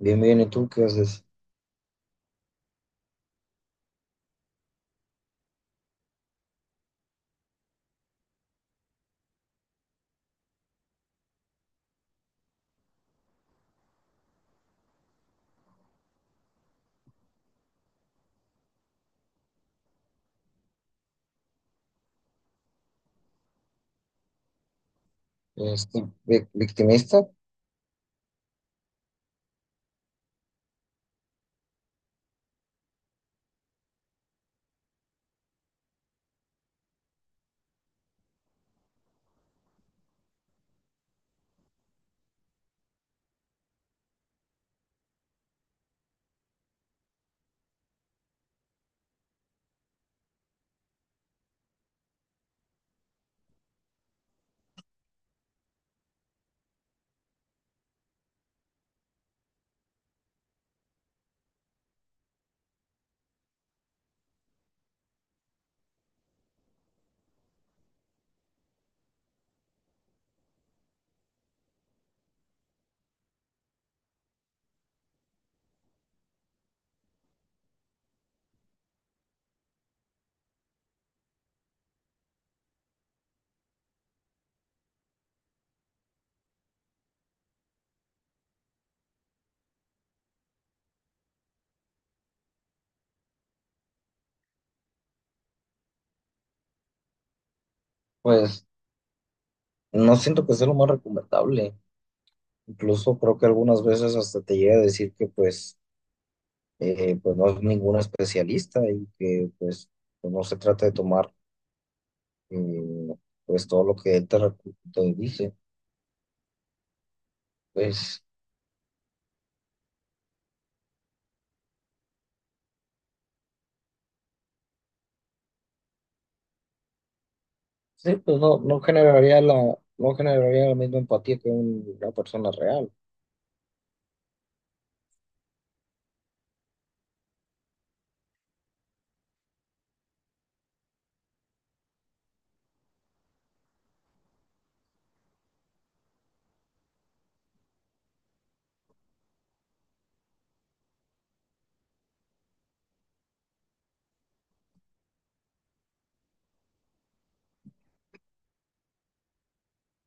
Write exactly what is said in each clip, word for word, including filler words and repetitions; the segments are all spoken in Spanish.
Bien, bien, ¿y tú qué haces? Este, vi- victimista. Pues no siento que sea lo más recomendable. Incluso creo que algunas veces hasta te llega a decir que pues, eh, pues no es ningún especialista y que pues pues, no se trata de tomar eh, pues todo lo que él te, recu- te dice. Pues sí, pues no, no generaría la, no generaría la misma empatía que un- una persona real.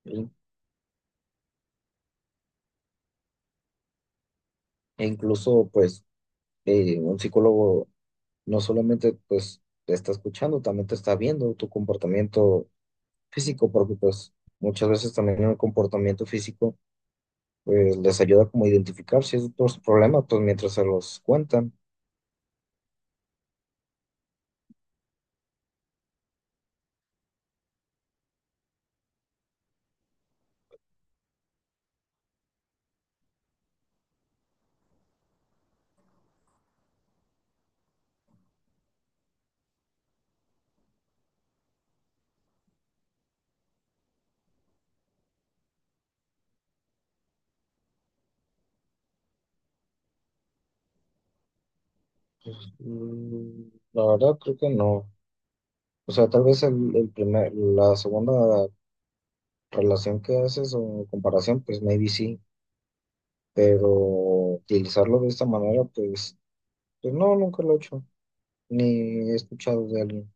¿Sí? E incluso pues eh, un psicólogo no solamente pues te está escuchando, también te está viendo tu comportamiento físico, porque pues muchas veces también el comportamiento físico pues les ayuda como a identificar ciertos problemas pues mientras se los cuentan. Mm. La verdad creo que no. O sea, tal vez el, el primer, la segunda relación que haces o comparación, pues maybe sí, pero utilizarlo de esta manera, pues, pues no, nunca lo he hecho, ni he escuchado de alguien.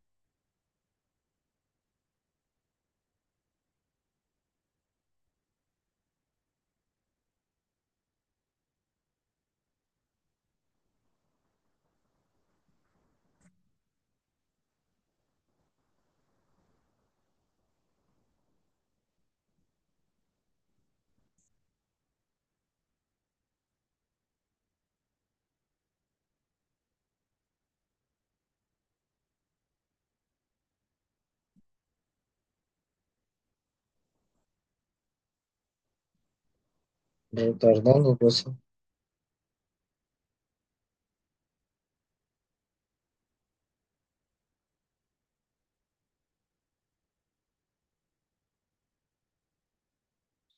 Retardando, pues. Sí.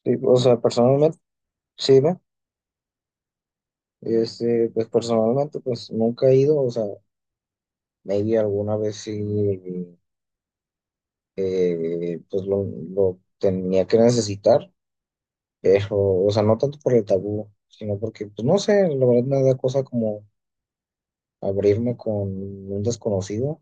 Sí, o sea, personalmente. Sí, ve, este, pues personalmente, pues nunca he ido, o sea, maybe alguna vez sí, eh, pues lo, lo tenía que necesitar, pero, o sea, no tanto por el tabú, sino porque, pues no sé, la verdad me da cosa como abrirme con un desconocido.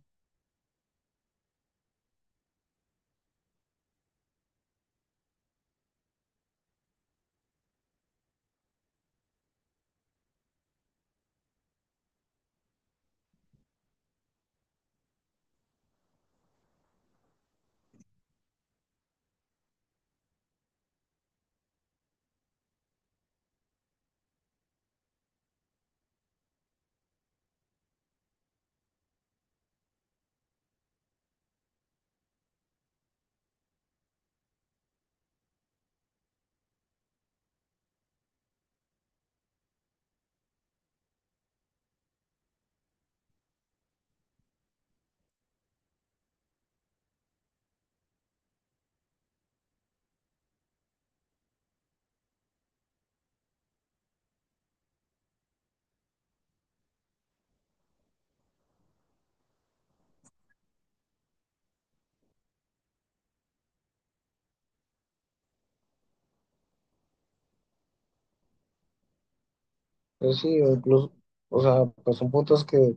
Pues sí, o incluso, o sea, pues son puntos que,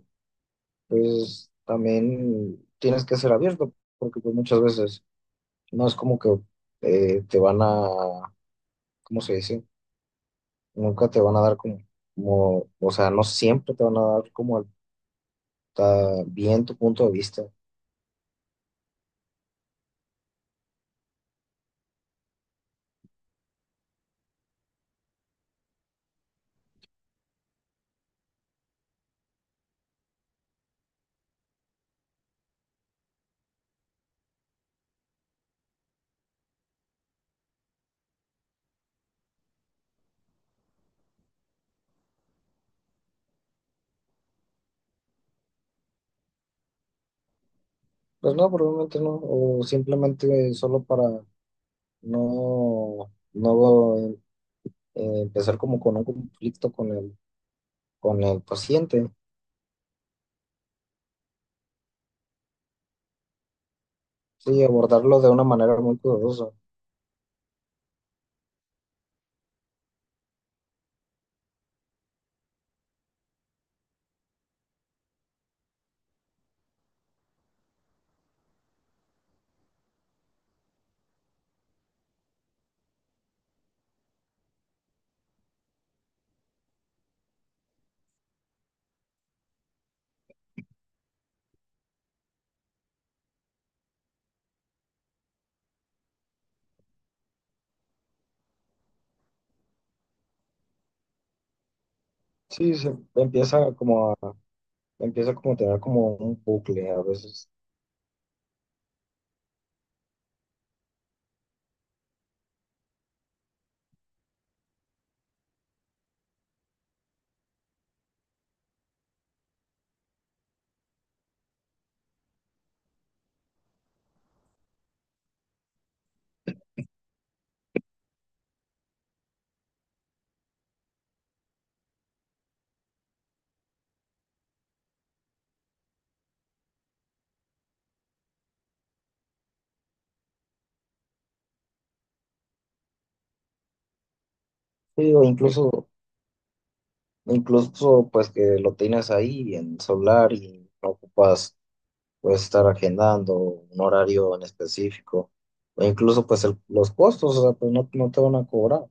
pues también tienes que ser abierto, porque pues muchas veces no es como que eh, te van a, ¿cómo se dice? Nunca te van a dar como, como, o sea, no siempre te van a dar como el- ta- bien tu punto de vista. Pues no, probablemente no, o simplemente solo para no, no eh, empezar como con un conflicto con el, con el paciente. Sí, abordarlo de una manera muy cuidadosa. Sí, se empieza como a, empieza como a tener como un bucle a veces. Sí, o incluso, incluso pues que lo tienes ahí en solar y no ocupas, puedes estar agendando un horario en específico, o incluso pues el- los costos, o sea, pues no, no te van a cobrar.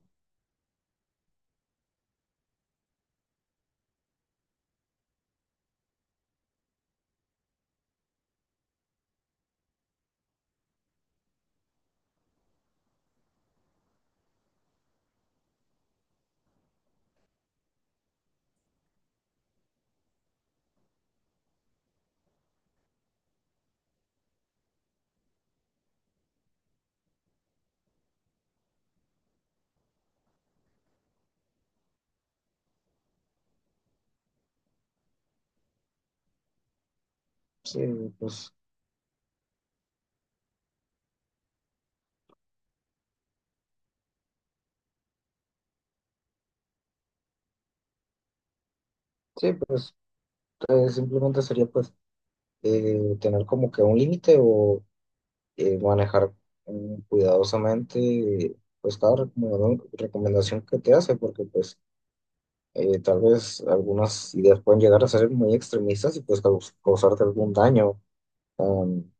Sí, pues, sí, pues eh, simplemente sería pues eh, tener como que un límite o eh, manejar mm, cuidadosamente pues cada recomenda- recomendación que te hace, porque pues eh, tal vez algunas ideas pueden llegar a ser muy extremistas y pues caus- causarte algún daño. um,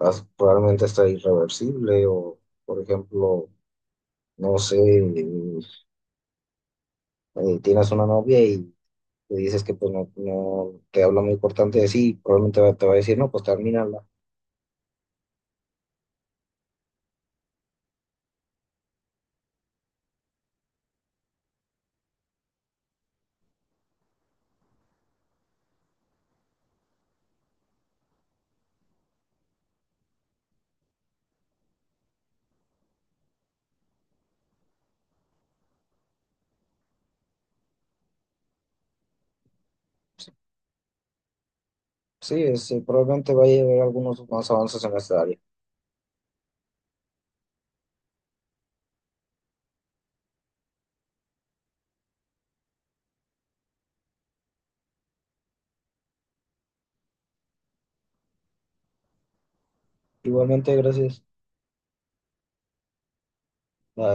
as- Probablemente está irreversible o, por ejemplo, no sé, eh, tienes una novia y le dices que pues no, no te habla muy importante de sí, probablemente va- te va a decir, no, pues termínala. Sí, es, eh, probablemente vaya a haber algunos más avances en esta área. Igualmente, gracias. Bye.